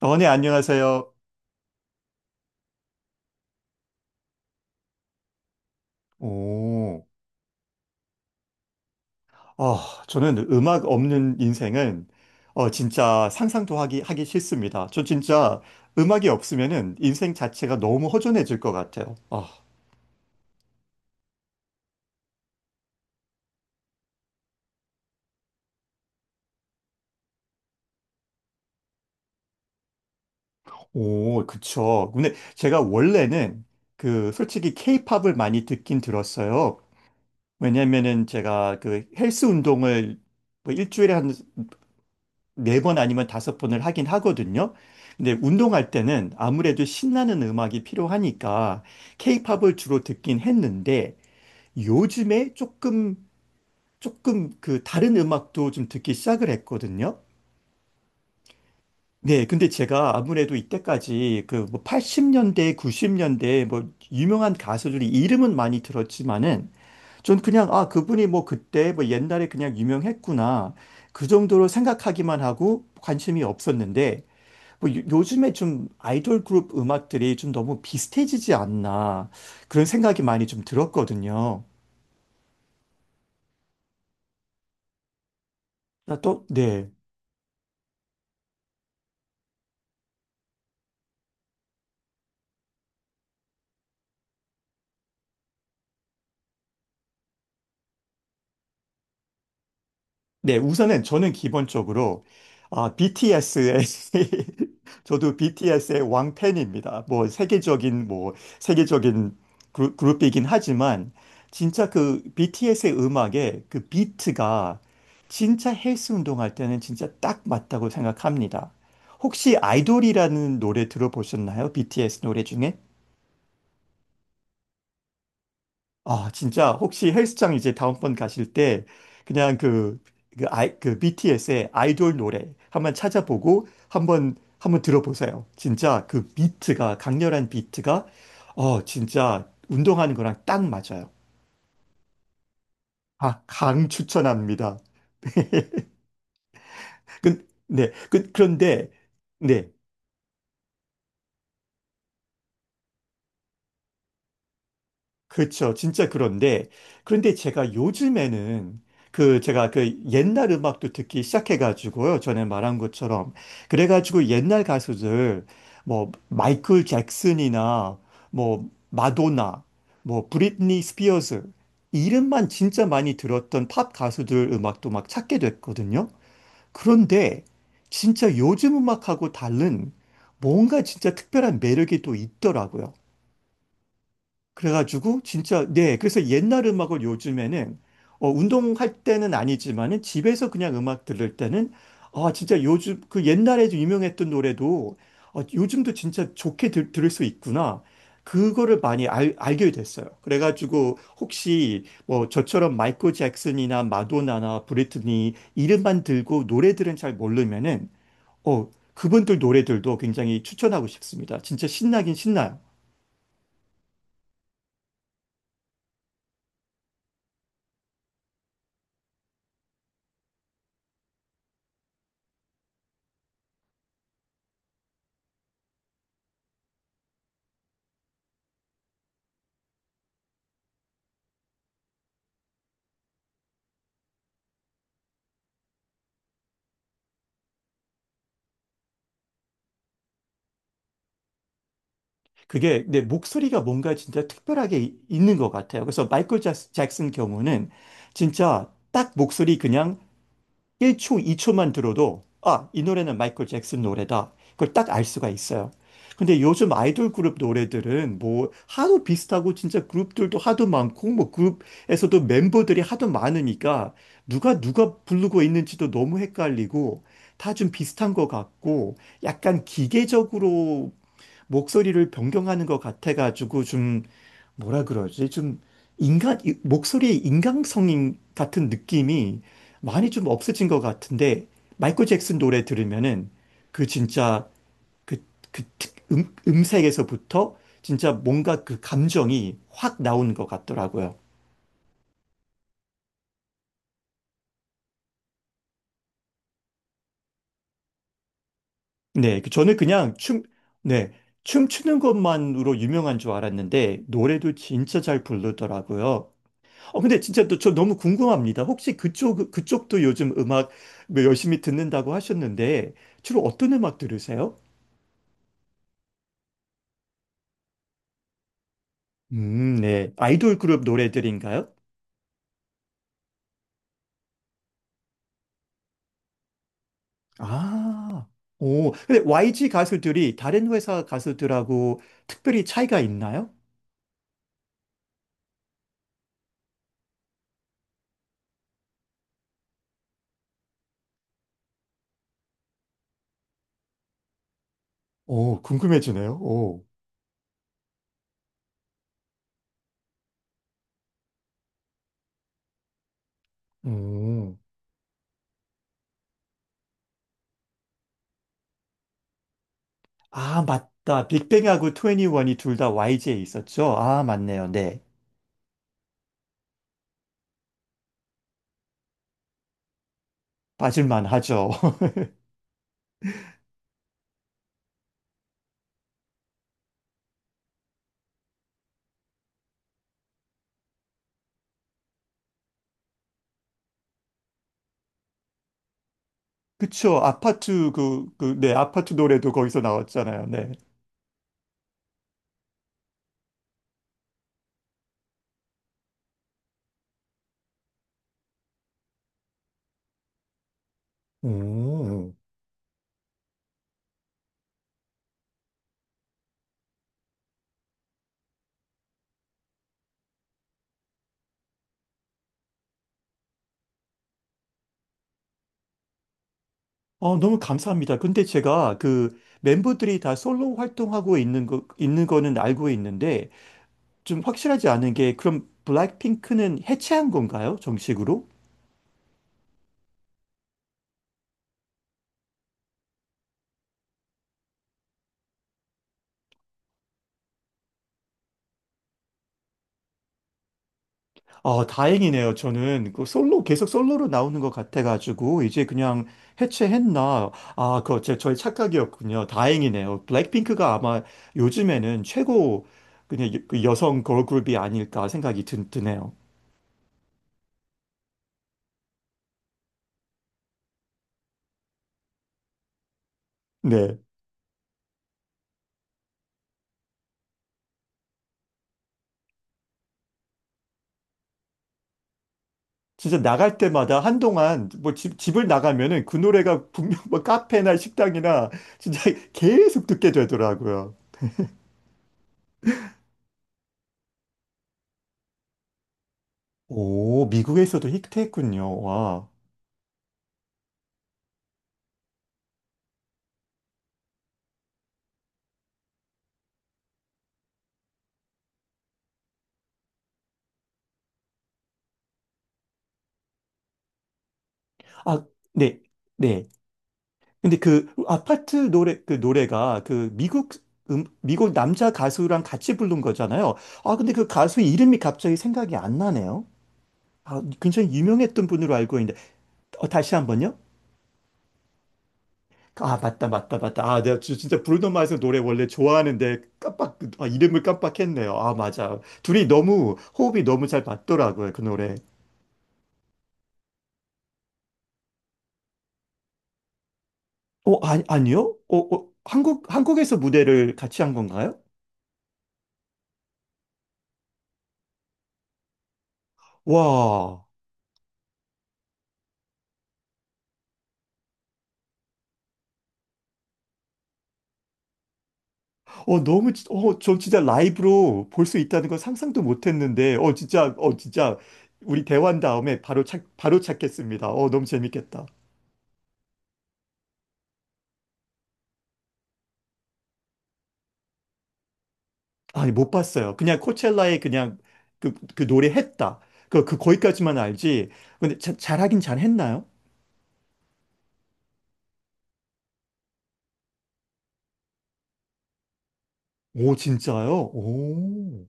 네, 안녕하세요. 오, 어, 저는 음악 없는 인생은 진짜 상상도 하기 싫습니다. 저 진짜 음악이 없으면은 인생 자체가 너무 허전해질 것 같아요. 아, 오, 그쵸. 근데 제가 원래는 그 솔직히 케이팝을 많이 듣긴 들었어요. 왜냐면은 제가 그 헬스 운동을 뭐 일주일에 한 네 번 아니면 다섯 번을 하긴 하거든요. 근데 운동할 때는 아무래도 신나는 음악이 필요하니까 케이팝을 주로 듣긴 했는데 요즘에 조금 그 다른 음악도 좀 듣기 시작을 했거든요. 네, 근데 제가 아무래도 이때까지 그뭐 80년대, 90년대 뭐 유명한 가수들이 이름은 많이 들었지만은 전 그냥 아, 그분이 뭐 그때 뭐 옛날에 그냥 유명했구나. 그 정도로 생각하기만 하고 관심이 없었는데 뭐 요즘에 좀 아이돌 그룹 음악들이 좀 너무 비슷해지지 않나 그런 생각이 많이 좀 들었거든요. 나 또, 네. 네, 우선은 저는 기본적으로 아, BTS의 저도 BTS의 왕팬입니다. 세계적인 그룹이긴 하지만 진짜 그 BTS의 음악에 그 비트가 진짜 헬스 운동할 때는 진짜 딱 맞다고 생각합니다. 혹시 아이돌이라는 노래 들어보셨나요? BTS 노래 중에? 아, 진짜 혹시 헬스장 이제 다음번 가실 때 그냥 그 BTS의 아이돌 노래 한번 찾아보고 한번 들어보세요. 진짜 그 비트가 강렬한 비트가 진짜 운동하는 거랑 딱 맞아요. 아, 강 추천합니다. 네. 그런데 네. 그렇죠. 진짜 그런데 제가 요즘에는 그 제가 그 옛날 음악도 듣기 시작해가지고요. 전에 말한 것처럼. 그래가지고 옛날 가수들, 뭐, 마이클 잭슨이나 뭐, 마도나, 뭐, 브리트니 스피어스, 이름만 진짜 많이 들었던 팝 가수들 음악도 막 찾게 됐거든요. 그런데 진짜 요즘 음악하고 다른 뭔가 진짜 특별한 매력이 또 있더라고요. 그래가지고 진짜 네, 그래서 옛날 음악을 요즘에는 운동할 때는 아니지만은 집에서 그냥 음악 들을 때는 아, 진짜 요즘 그 옛날에 유명했던 노래도 요즘도 진짜 좋게 들을 수 있구나. 그거를 많이 알게 됐어요. 그래가지고 혹시 뭐 저처럼 마이클 잭슨이나 마돈나나 브리트니 이름만 들고 노래들은 잘 모르면은 어 그분들 노래들도 굉장히 추천하고 싶습니다. 진짜 신나긴 신나요. 그게 내 목소리가 뭔가 진짜 특별하게 있는 것 같아요. 그래서 마이클 잭슨 경우는 진짜 딱 목소리 그냥 1초, 2초만 들어도 아, 이 노래는 마이클 잭슨 노래다. 그걸 딱 알 수가 있어요. 근데 요즘 아이돌 그룹 노래들은 뭐 하도 비슷하고 진짜 그룹들도 하도 많고 뭐 그룹에서도 멤버들이 하도 많으니까 누가 누가 부르고 있는지도 너무 헷갈리고 다 좀 비슷한 것 같고 약간 기계적으로 목소리를 변경하는 것 같아가지고 좀 뭐라 그러지? 좀 인간, 이 목소리의 인간성 같은 느낌이 많이 좀 없어진 것 같은데, 마이클 잭슨 노래 들으면은 그 진짜 그, 그 음색에서부터 진짜 뭔가 그 감정이 확 나오는 것 같더라고요. 네, 그 저는 그냥 네, 춤추는 것만으로 유명한 줄 알았는데, 노래도 진짜 잘 부르더라고요. 근데 진짜 또 저 너무 궁금합니다. 혹시 그쪽도 요즘 음악 뭐 열심히 듣는다고 하셨는데, 주로 어떤 음악 들으세요? 네. 아이돌 그룹 노래들인가요? 아, 오. 근데 YG 가수들이 다른 회사 가수들하고 특별히 차이가 있나요? 오, 궁금해지네요. 오. 오. 아, 맞다. 빅뱅하고 트 n 니원이 둘 다 YG에 있었죠? 아, 맞네요. 네. 빠질만 하죠. 그쵸. 아파트 네, 아파트 노래도 거기서 나왔잖아요. 네. 음, 너무 감사합니다. 근데 제가 그 멤버들이 다 솔로 활동하고 있는 거는 알고 있는데 좀 확실하지 않은 게 그럼 블랙핑크는 해체한 건가요? 정식으로? 아, 다행이네요. 저는 그 솔로, 계속 솔로로 나오는 것 같아가지고, 이제 그냥 해체했나. 아, 그거 저의 착각이었군요. 다행이네요. 블랙핑크가 아마 요즘에는 최고 그냥 그 여성 걸그룹이 아닐까 생각이 드네요. 네. 진짜 나갈 때마다 한동안 뭐 집을 나가면은 그 노래가 분명 뭐 카페나 식당이나 진짜 계속 듣게 되더라고요. 오, 미국에서도 히트했군요. 와. 아, 네. 네. 근데 그 아파트 노래 그 노래가 그 미국 남자 가수랑 같이 부른 거잖아요. 아, 근데 그 가수 이름이 갑자기 생각이 안 나네요. 아, 굉장히 유명했던 분으로 알고 있는데 다시 한번요. 아, 맞다 맞다 맞다. 아, 내가 진짜 브루노 마스 노래 원래 좋아하는데 깜빡, 아, 이름을 깜빡했네요. 아, 맞아. 둘이 너무 호흡이 너무 잘 맞더라고요. 그 노래. 아니 아니요? 한국에서 무대를 같이 한 건가요? 와. 너무, 저 진짜 라이브로 볼 수 있다는 건 상상도 못 했는데, 진짜, 진짜, 우리 대화한 다음에 바로 찾겠습니다. 너무 재밌겠다. 아니, 못 봤어요. 그냥 코첼라에 그냥 그 노래 했다. 거기까지만 알지. 근데 잘하긴 잘했나요? 오, 진짜요? 오.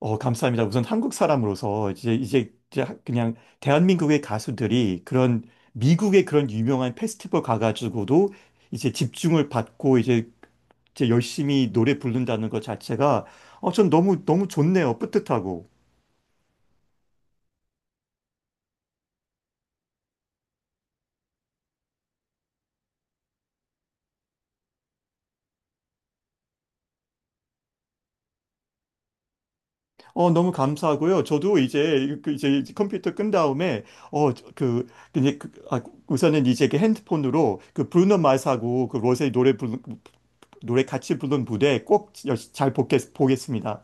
감사합니다. 우선 한국 사람으로서 이제 그냥 대한민국의 가수들이 그런 미국의 그런 유명한 페스티벌 가가지고도 이제 집중을 받고 이제 열심히 노래 부른다는 것 자체가 전 너무, 너무 좋네요. 뿌듯하고. 너무 감사하고요. 저도 이제, 그 이제 컴퓨터 끈 다음에 어, 저- 그, 이제 그, 아, 우선은 이제 그 핸드폰으로 그 브루노 마스하고 그 로제 노래 같이 부른 무대 꼭 잘 보겠습니다.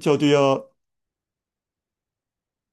저도요,